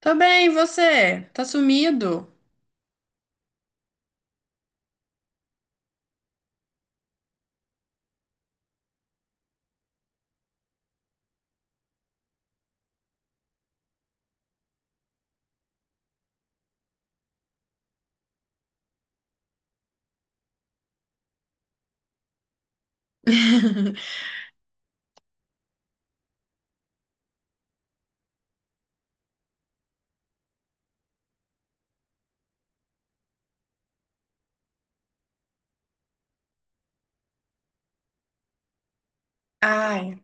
Tô bem, e você? Tá sumido? Ai,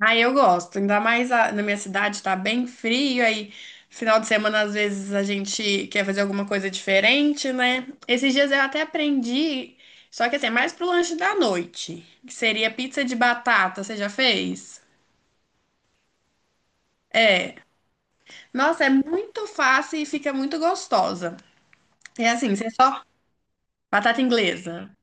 ai, eu gosto. Ainda mais na minha cidade tá bem frio, aí final de semana às vezes a gente quer fazer alguma coisa diferente, né? Esses dias eu até aprendi, só que assim, é mais pro lanche da noite, que seria pizza de batata, você já fez? É. Nossa, é muito fácil e fica muito gostosa. É assim, você só batata inglesa.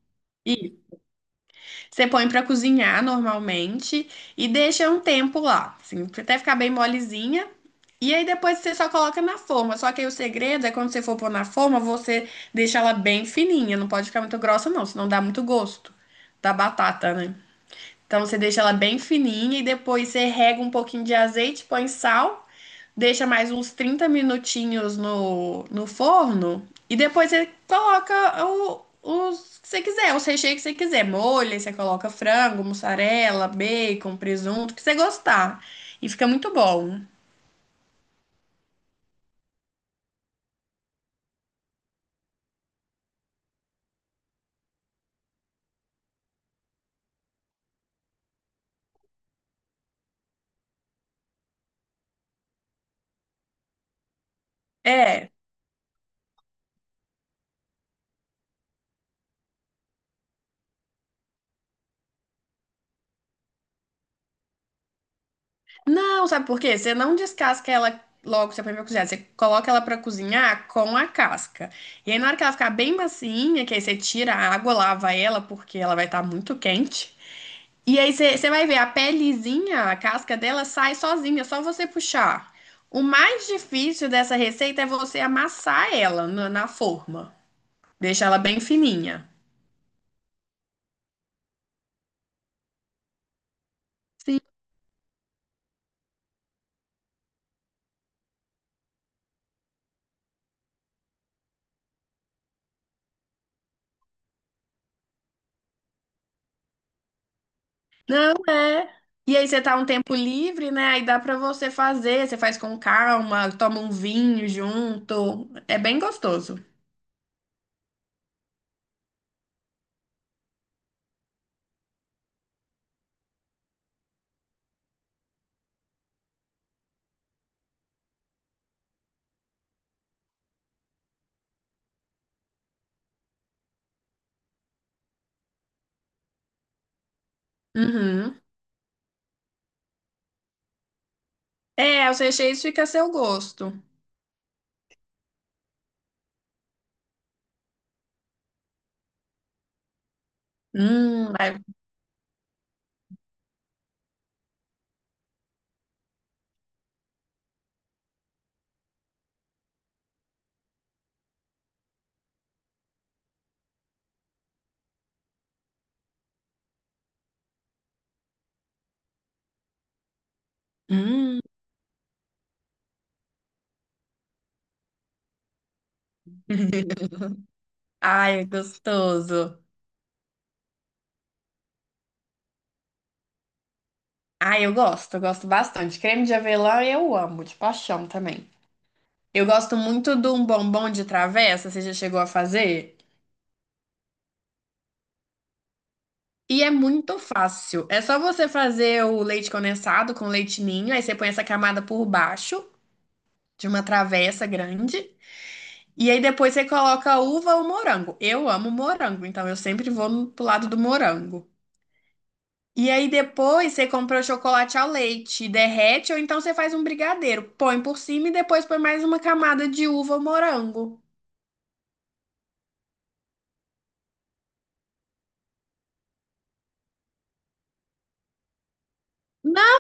Você põe pra cozinhar normalmente e deixa um tempo lá, assim, até ficar bem molezinha. E aí depois você só coloca na forma. Só que aí o segredo é quando você for pôr na forma, você deixa ela bem fininha. Não pode ficar muito grossa, não, senão dá muito gosto da batata, né? Então você deixa ela bem fininha e depois você rega um pouquinho de azeite, põe sal, deixa mais uns 30 minutinhos no forno e depois você coloca os que você quiser, os recheios que você quiser. Molha, você coloca frango, mussarela, bacon, presunto, o que você gostar. E fica muito bom. É, não, sabe por quê? Você não descasca ela logo, você põe pra cozinhar. Você coloca ela pra cozinhar com a casca. E aí, na hora que ela ficar bem macinha, que aí você tira a água, lava ela, porque ela vai estar muito quente. E aí, você vai ver a pelezinha, a casca dela sai sozinha, é só você puxar. O mais difícil dessa receita é você amassar ela na forma. Deixar ela bem fininha. Não é. E aí você tá um tempo livre, né? Aí dá pra você fazer, você faz com calma, toma um vinho junto. É bem gostoso. Uhum. É, os recheios fica a seu gosto. Ai, hum. Ai, é gostoso. Ai, eu gosto bastante. Creme de avelã eu amo, de paixão também. Eu gosto muito de um bombom de travessa, você já chegou a fazer? E é muito fácil. É só você fazer o leite condensado com leite ninho, aí você põe essa camada por baixo de uma travessa grande. E aí depois você coloca uva ou morango. Eu amo morango, então eu sempre vou no- pro lado do morango. E aí depois você compra o chocolate ao leite, derrete, ou então você faz um brigadeiro, põe por cima e depois põe mais uma camada de uva ou morango. Não,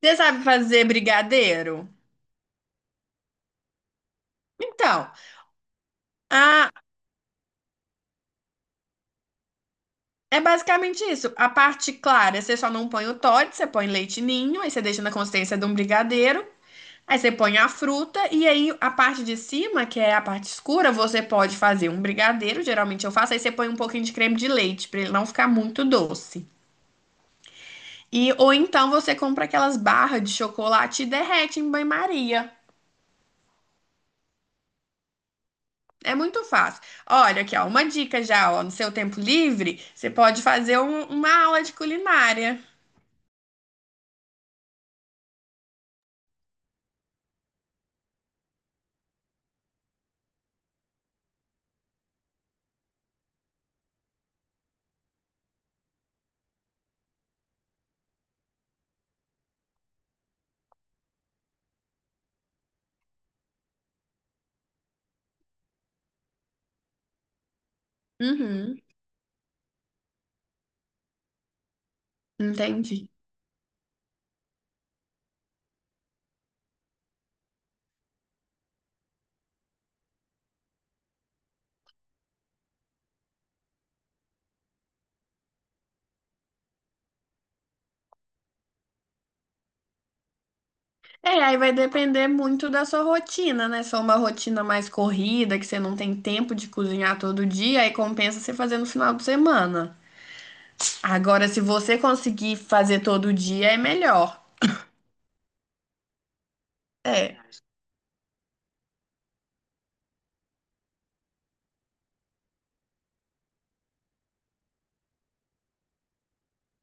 você sabe fazer brigadeiro? Então, a- é basicamente isso. A parte clara, você só não põe o Toddy, você põe leite ninho, aí você deixa na consistência de um brigadeiro, aí você põe a fruta, e aí a parte de cima, que é a parte escura, você pode fazer um brigadeiro, geralmente eu faço, aí você põe um pouquinho de creme de leite, pra ele não ficar muito doce. E, ou então você compra aquelas barras de chocolate e derrete em banho-maria. É muito fácil. Olha aqui, ó, uma dica já, ó, no seu tempo livre, você pode fazer um- uma aula de culinária. Uhum, entendi. É, aí vai depender muito da sua rotina, né? Se é uma rotina mais corrida, que você não tem tempo de cozinhar todo dia, aí compensa você fazer no final de semana. Agora, se você conseguir fazer todo dia, é melhor. É,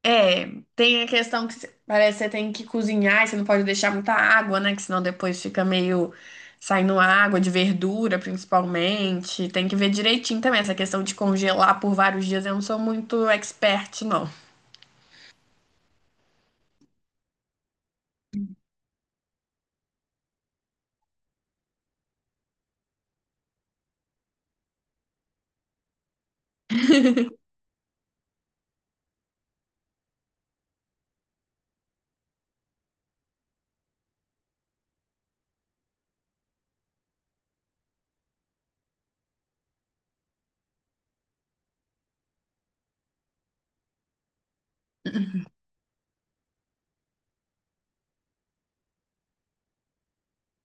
é. Tem a questão que você- parece que você tem que cozinhar e você não pode deixar muita água, né? Que senão depois fica meio saindo água de verdura, principalmente. Tem que ver direitinho também. Essa questão de congelar por vários dias, eu não sou muito expert, não.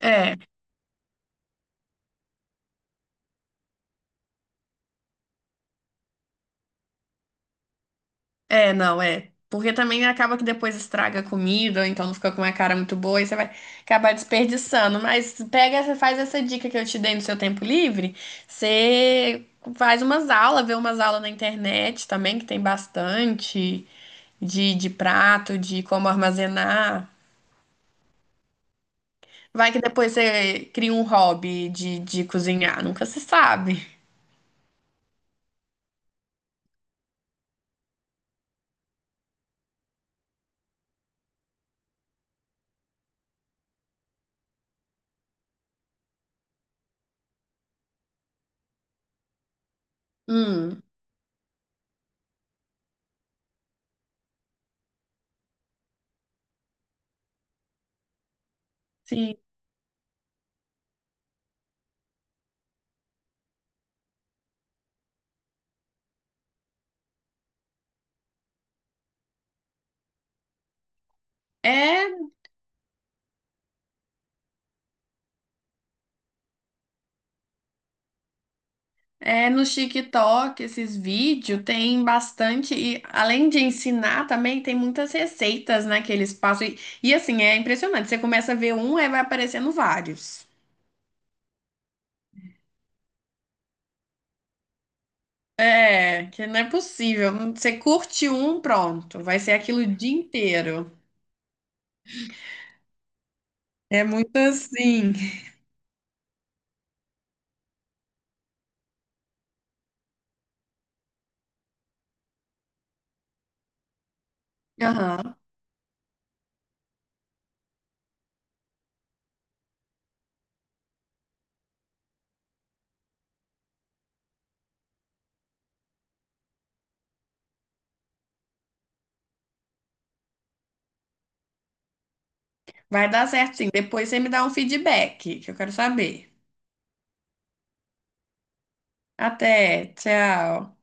É. É, não, é. Porque também acaba que depois estraga a comida, ou então não fica com uma cara muito boa e você vai acabar desperdiçando. Mas pega, essa- faz essa dica que eu te dei no seu tempo livre. Você faz umas aulas, vê umas aulas na internet também, que tem bastante de prato, de como armazenar. Vai que depois você cria um hobby de cozinhar, nunca se sabe. Hum. Sim. É É, no TikTok, esses vídeos tem bastante, e além de ensinar também, tem muitas receitas, né, que eles passam. E, assim, é impressionante. Você começa a ver um, aí vai aparecendo vários. É, que não é possível. Você curte um, pronto. Vai ser aquilo o dia inteiro. É muito assim. Aham. Vai dar certo, sim. Depois você me dá um feedback, que eu quero saber. Até, tchau.